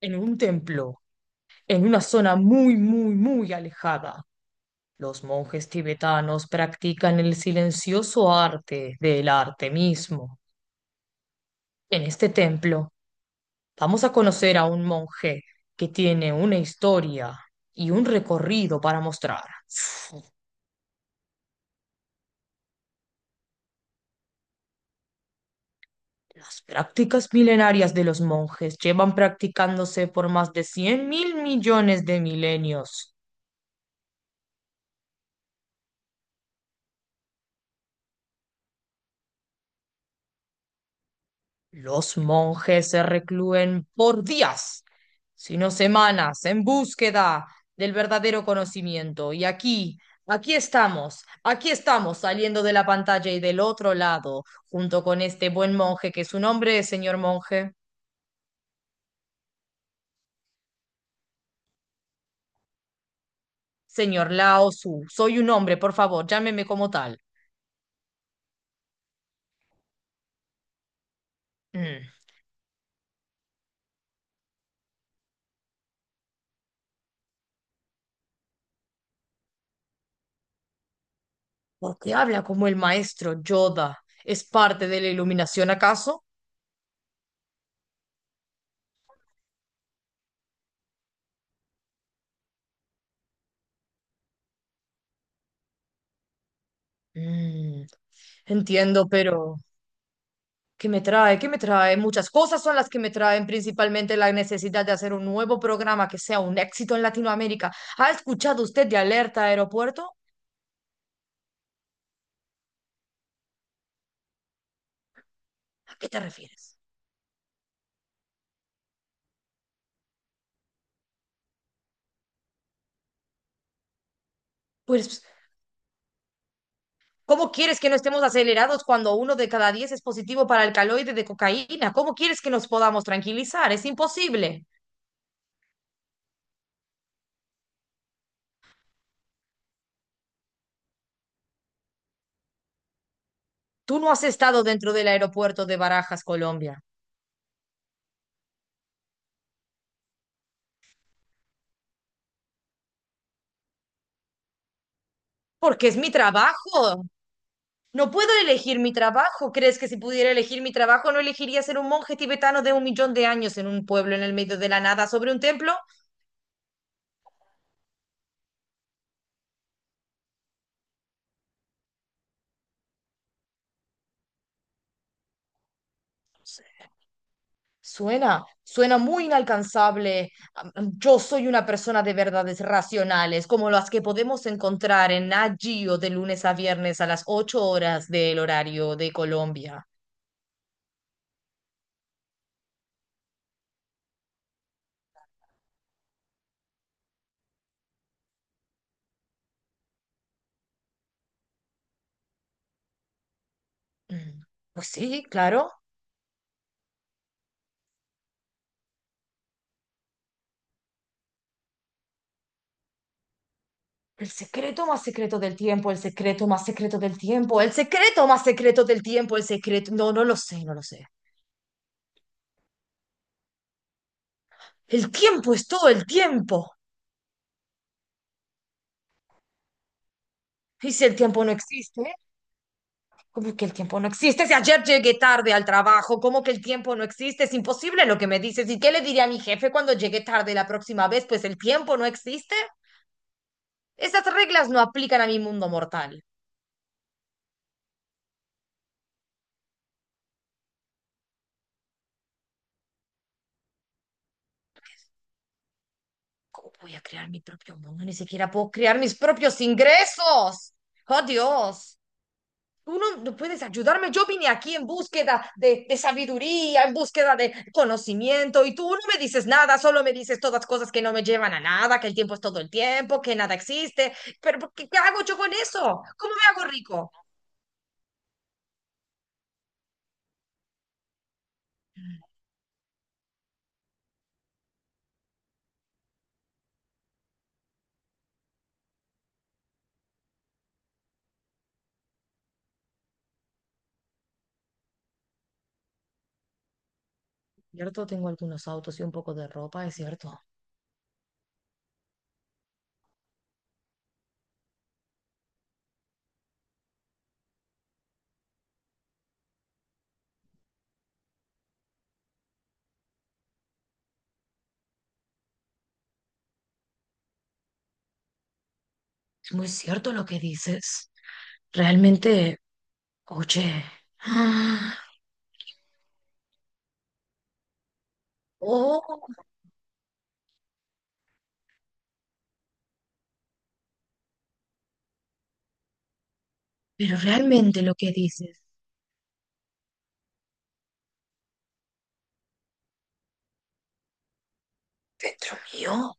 En un templo, en una zona muy, muy, muy alejada, los monjes tibetanos practican el silencioso arte del arte mismo. En este templo vamos a conocer a un monje que tiene una historia y un recorrido para mostrar. Las prácticas milenarias de los monjes llevan practicándose por más de 100 mil millones de milenios. Los monjes se reclúen por días, sino semanas, en búsqueda del verdadero conocimiento. Y aquí, aquí estamos saliendo de la pantalla y del otro lado, junto con este buen monje, que su nombre es señor monje, señor Lao Su. Soy un hombre, por favor, llámeme como tal. Mm, ¿Por qué habla como el maestro Yoda? ¿Es parte de la iluminación acaso? Mm, Entiendo, pero... que me trae muchas cosas son las que me traen, principalmente la necesidad de hacer un nuevo programa que sea un éxito en Latinoamérica. ¿Ha escuchado usted de Alerta Aeropuerto? ¿A qué te refieres? Pues, ¿cómo quieres que no estemos acelerados cuando 1 de cada 10 es positivo para el caloide de cocaína? ¿Cómo quieres que nos podamos tranquilizar? Es imposible. Tú no has estado dentro del aeropuerto de Barajas, Colombia. Porque es mi trabajo. No puedo elegir mi trabajo. ¿Crees que si pudiera elegir mi trabajo no elegiría ser un monje tibetano de 1 millón de años en un pueblo en el medio de la nada sobre un templo? Suena muy inalcanzable. Yo soy una persona de verdades racionales, como las que podemos encontrar en Nagio de lunes a viernes a las 8:00 del horario de Colombia. Mm, Pues sí, claro. El secreto más secreto del tiempo, el secreto más secreto del tiempo, el secreto más secreto del tiempo, el secreto... No, no lo sé, no lo sé. El tiempo es todo el tiempo. Y si el tiempo no existe, ¿cómo que el tiempo no existe? Si ayer llegué tarde al trabajo, ¿cómo que el tiempo no existe? Es imposible lo que me dices. ¿Y qué le diré a mi jefe cuando llegue tarde la próxima vez? Pues el tiempo no existe. Esas reglas no aplican a mi mundo mortal. ¿Cómo voy a crear mi propio mundo? Ni siquiera puedo crear mis propios ingresos. ¡Oh, Dios! Uno no puedes ayudarme. Yo vine aquí en búsqueda de sabiduría, en búsqueda de conocimiento, y tú no me dices nada, solo me dices todas cosas que no me llevan a nada, que el tiempo es todo el tiempo, que nada existe. Pero ¿qué hago yo con eso? ¿Cómo me hago rico? Cierto, tengo algunos autos y un poco de ropa, es cierto. Es muy cierto lo que dices. Realmente, oye, ah, oh, pero realmente lo que dices, dentro mío,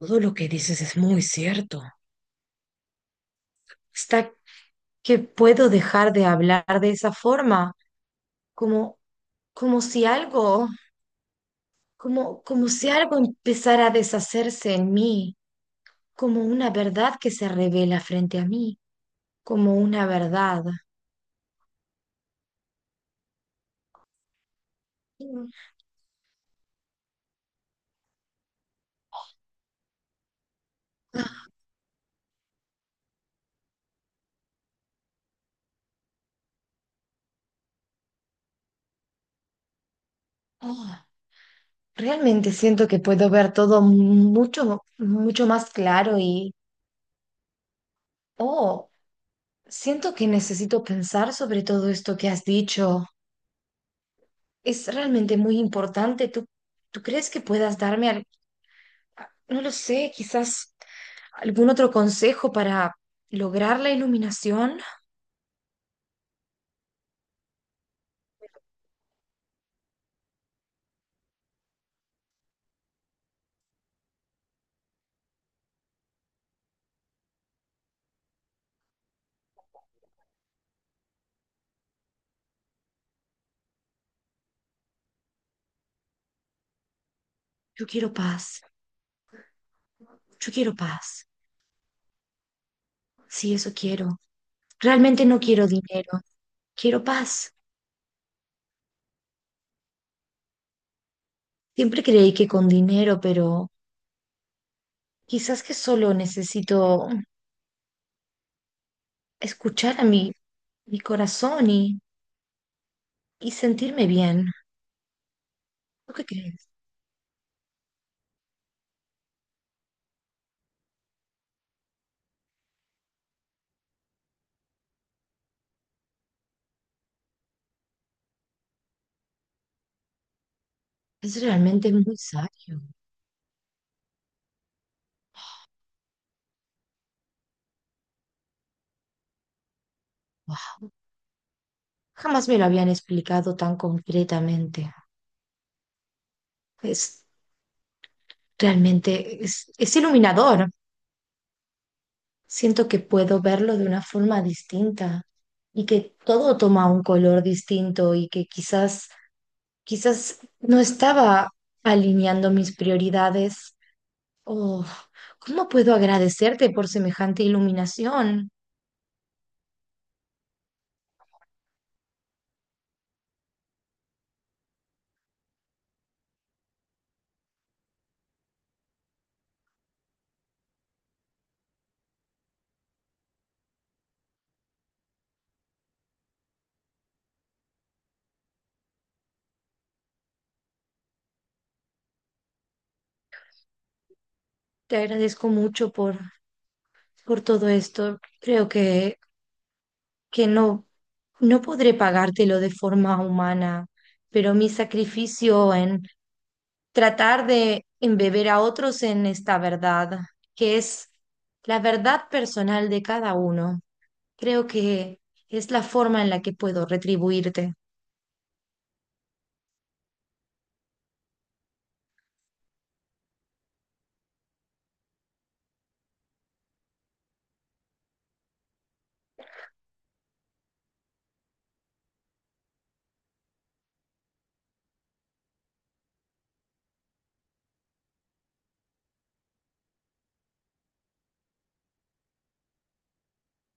todo lo que dices es muy cierto. Está que puedo dejar de hablar de esa forma, como, como si algo, como si algo empezara a deshacerse en mí, como una verdad que se revela frente a mí, como una verdad. Mm. Ah, oh, realmente siento que puedo ver todo mucho, mucho más claro y, oh, siento que necesito pensar sobre todo esto que has dicho. Es realmente muy importante. ¿Tú crees que puedas darme, no lo sé, quizás algún otro consejo para lograr la iluminación? Yo quiero paz, yo quiero paz. Sí, eso quiero. Realmente no quiero dinero, quiero paz. Siempre creí que con dinero, pero quizás que solo necesito escuchar a mi corazón y sentirme bien. ¿Tú qué crees? Es realmente muy sabio. Wow. Jamás me lo habían explicado tan completamente. Es realmente, es iluminador. Siento que puedo verlo de una forma distinta y que todo toma un color distinto y que quizás, quizás no estaba alineando mis prioridades. Oh, ¿cómo puedo agradecerte por semejante iluminación? Te agradezco mucho por todo esto. Creo que no podré pagártelo de forma humana, pero mi sacrificio en tratar de embeber a otros en esta verdad, que es la verdad personal de cada uno, creo que es la forma en la que puedo retribuirte.